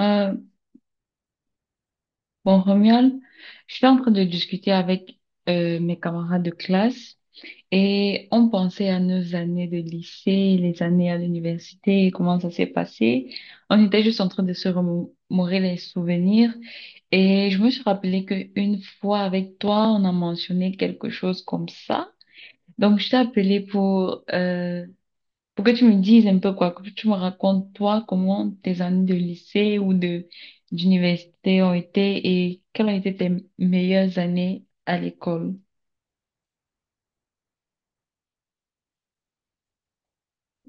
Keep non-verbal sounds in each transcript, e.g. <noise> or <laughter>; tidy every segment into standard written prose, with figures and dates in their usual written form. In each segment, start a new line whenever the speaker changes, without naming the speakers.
Euh, bon, Romuald, je suis en train de discuter avec mes camarades de classe et on pensait à nos années de lycée, les années à l'université, comment ça s'est passé. On était juste en train de se remémorer les souvenirs et je me suis rappelé qu'une fois avec toi, on a mentionné quelque chose comme ça. Donc, je t'ai appelé pour que tu me dises un peu quoi, que tu me racontes toi comment tes années de lycée ou de d'université ont été et quelles ont été tes meilleures années à l'école.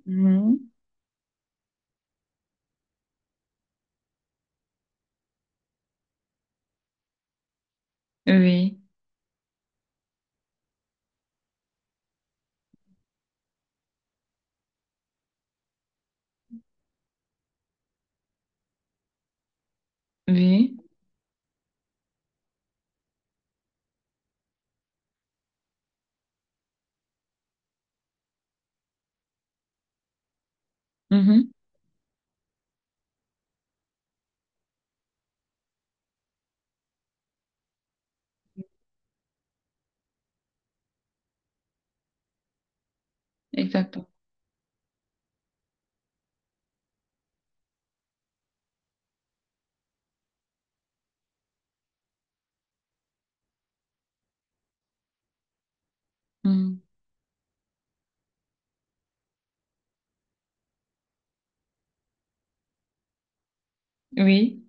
Mhm. Oui, oui, mhm, exactement. Mhm. Oui,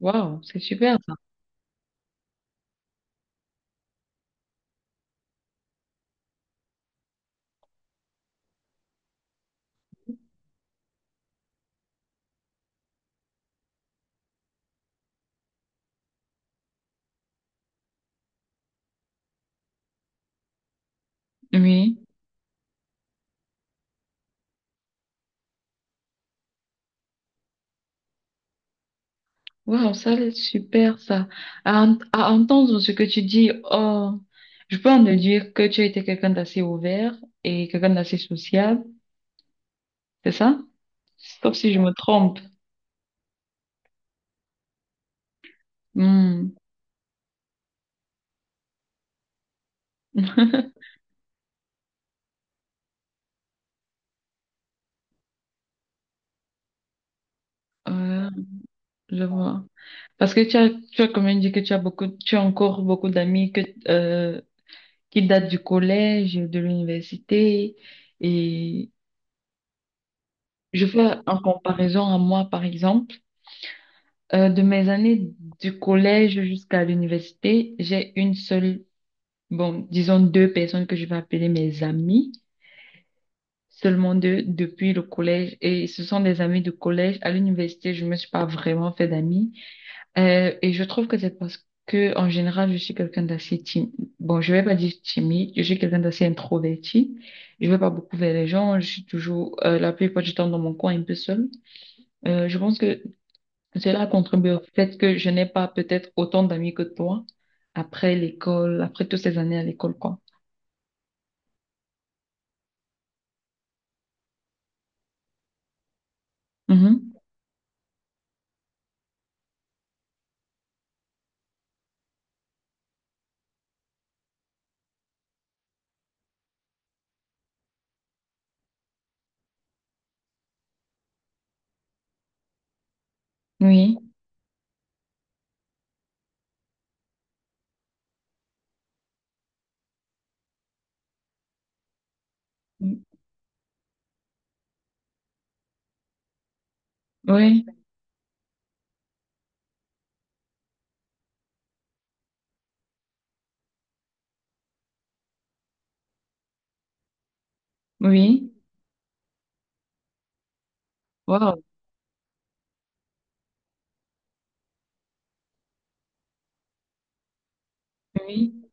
waouh, c'est super ça. Oui, waouh, ça c'est super ça. À entendre ce que tu dis, oh, je peux en déduire que tu étais quelqu'un d'assez ouvert et quelqu'un d'assez sociable, c'est ça? Sauf si je me trompe. Mm. <laughs> Ouais, je vois. Parce que tu as quand même dit que tu as beaucoup, tu as encore beaucoup d'amis que, euh, qui datent du collège, de l'université. Et je fais en comparaison à moi, par exemple, de mes années du collège jusqu'à l'université, j'ai une seule, bon, disons deux personnes que je vais appeler mes amis, seulement deux depuis le collège. Et ce sont des amis du collège. À l'université, je me suis pas vraiment fait d'amis. Et je trouve que c'est parce que, en général, je suis quelqu'un d'assez timide. Bon, je vais pas dire timide, je suis quelqu'un d'assez introverti. Je vais pas beaucoup vers les gens, je suis toujours, la plupart du temps dans mon coin, un peu seule. Je pense que cela contribue au fait que je n'ai pas peut-être autant d'amis que toi après l'école, après toutes ces années à l'école, quoi. Mhm. Oui. Oui. Oui. Wow. Oui.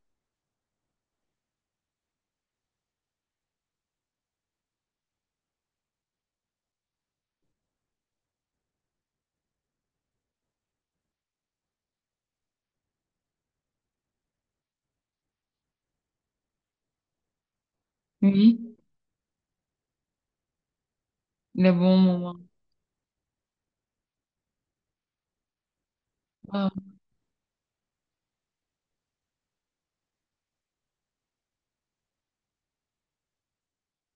Oui. Les bons moments. Wow.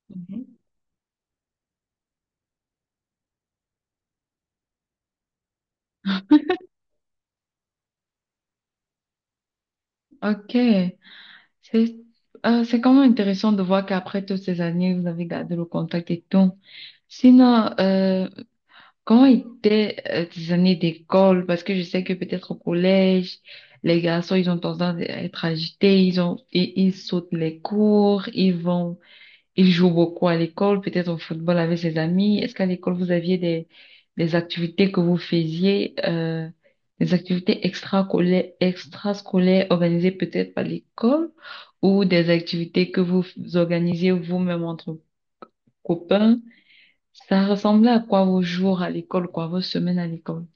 Mhm. Ok. C'est c'est quand même intéressant de voir qu'après toutes ces années, vous avez gardé le contact et tout. Sinon, comment étaient tes années d'école? Parce que je sais que peut-être au collège, les garçons, ils ont tendance à être agités, ils sautent les cours, ils vont il joue beaucoup à l'école, peut-être au football avec ses amis. Est-ce qu'à l'école, vous aviez des activités que vous faisiez, des activités extrascolaires organisées peut-être par l'école ou des activités que organisiez vous-même entre copains? Ça ressemblait à quoi vos jours à l'école, quoi, vos semaines à l'école?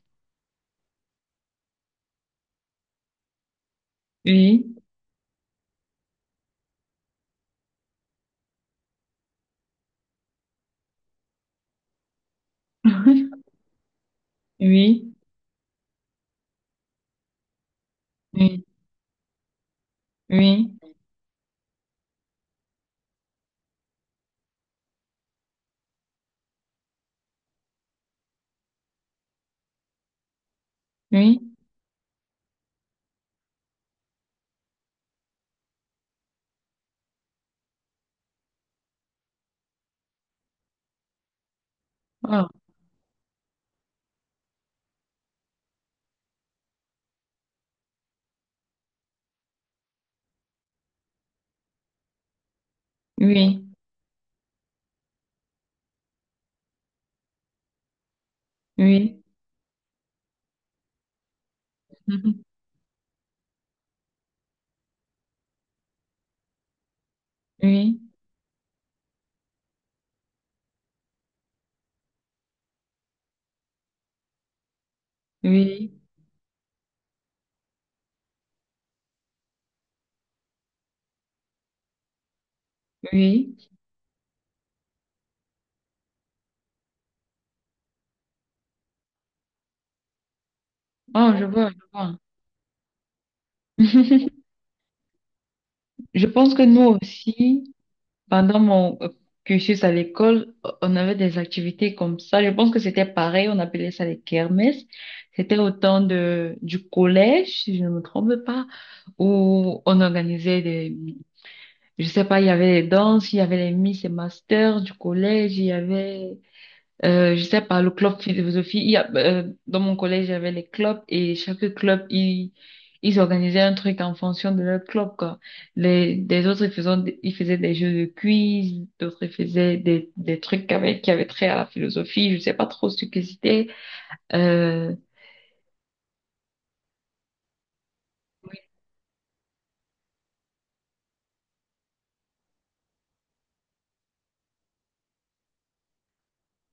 Oui, <laughs> oui, oui, oui, oui, ah, oui, oui, <laughs> oui, oui, oui. Oh, je vois, je vois. <laughs> Je pense que nous aussi, pendant mon cursus à l'école, on avait des activités comme ça. Je pense que c'était pareil, on appelait ça les kermesses. C'était au temps de, du collège, si je ne me trompe pas, où on organisait des, je sais pas, il y avait les danses, il y avait les Miss et Masters du collège, il y avait je sais pas, le club philosophie, il y a, dans mon collège, il y avait les clubs et chaque club, ils organisaient un truc en fonction de leur club, quoi. Les, des autres, ils faisaient des jeux de quiz, d'autres, ils faisaient des trucs avec, qui avaient trait à la philosophie, je sais pas trop ce que c'était. Euh,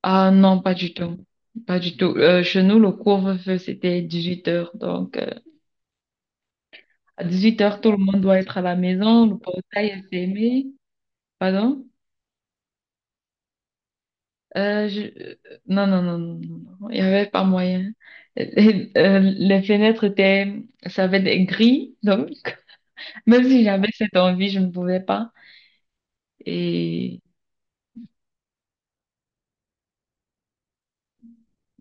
ah non, pas du tout. Pas du tout. Chez nous, le couvre-feu, c'était 18 heures. Donc, à 18 heures, tout le monde doit être à la maison, le portail est fermé. Pardon? Euh, je- euh, Non, non, non, non, non, non. Il n'y avait pas moyen. Les fenêtres étaient, ça avait des grilles, donc <laughs> même si j'avais cette envie, je ne pouvais pas. Et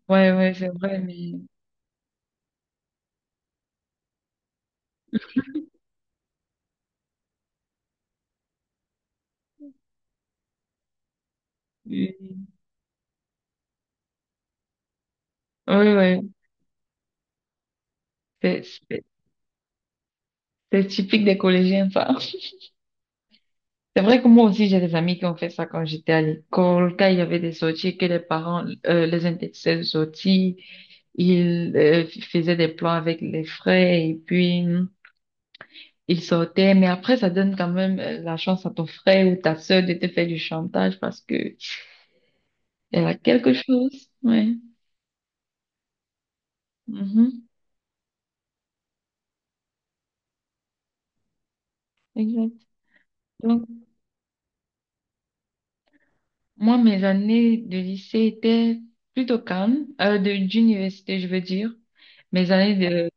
ouais, ouais, c'est vrai, mais oui, ouais, c'est c'est- c'est typique des collégiens, ça. C'est vrai que moi aussi, j'ai des amis qui ont fait ça quand j'étais à l'école, quand il y avait des sorties, que les parents les interdisaient de sortir, ils faisaient des plans avec les frais et puis ils sortaient, mais après, ça donne quand même la chance à ton frère ou ta sœur de te faire du chantage parce que elle a quelque chose. Ouais. Mhm. Exact. Donc, moi, mes années de lycée étaient plutôt calmes, d'université, je veux dire. Mes années de,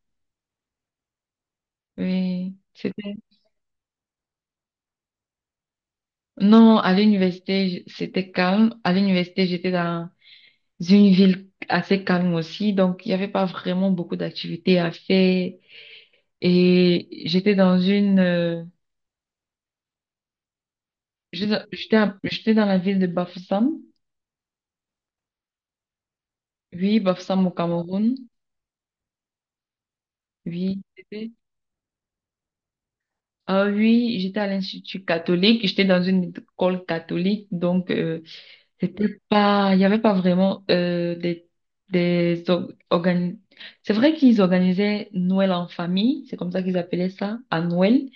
oui, c'était, non, à l'université, c'était calme. À l'université, j'étais dans une ville assez calme aussi, donc il n'y avait pas vraiment beaucoup d'activités à faire. Et j'étais dans une, j'étais j'étais dans la ville de Bafoussam. Oui, Bafoussam au Cameroun. Oui, ah oui, j'étais à l'institut catholique. J'étais dans une école catholique, donc c'était pas, il y avait pas vraiment des organi- C'est vrai qu'ils organisaient Noël en famille, c'est comme ça qu'ils appelaient ça, à Noël,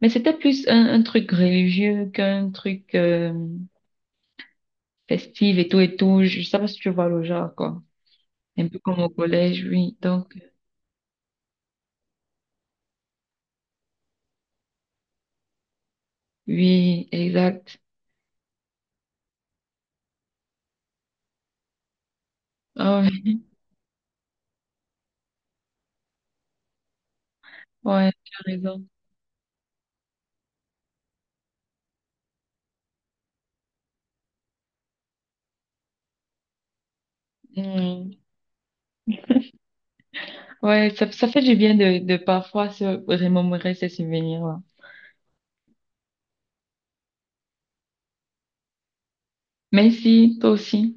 mais c'était plus un truc religieux qu'un truc festif et tout et tout. Je sais pas si tu vois le genre quoi. Un peu comme au collège, oui. Donc oui, exact. Ah oui, ouais, tu as raison. Mm. Ouais, ça fait du bien de parfois se remémorer ces souvenirs-là. Merci, toi aussi.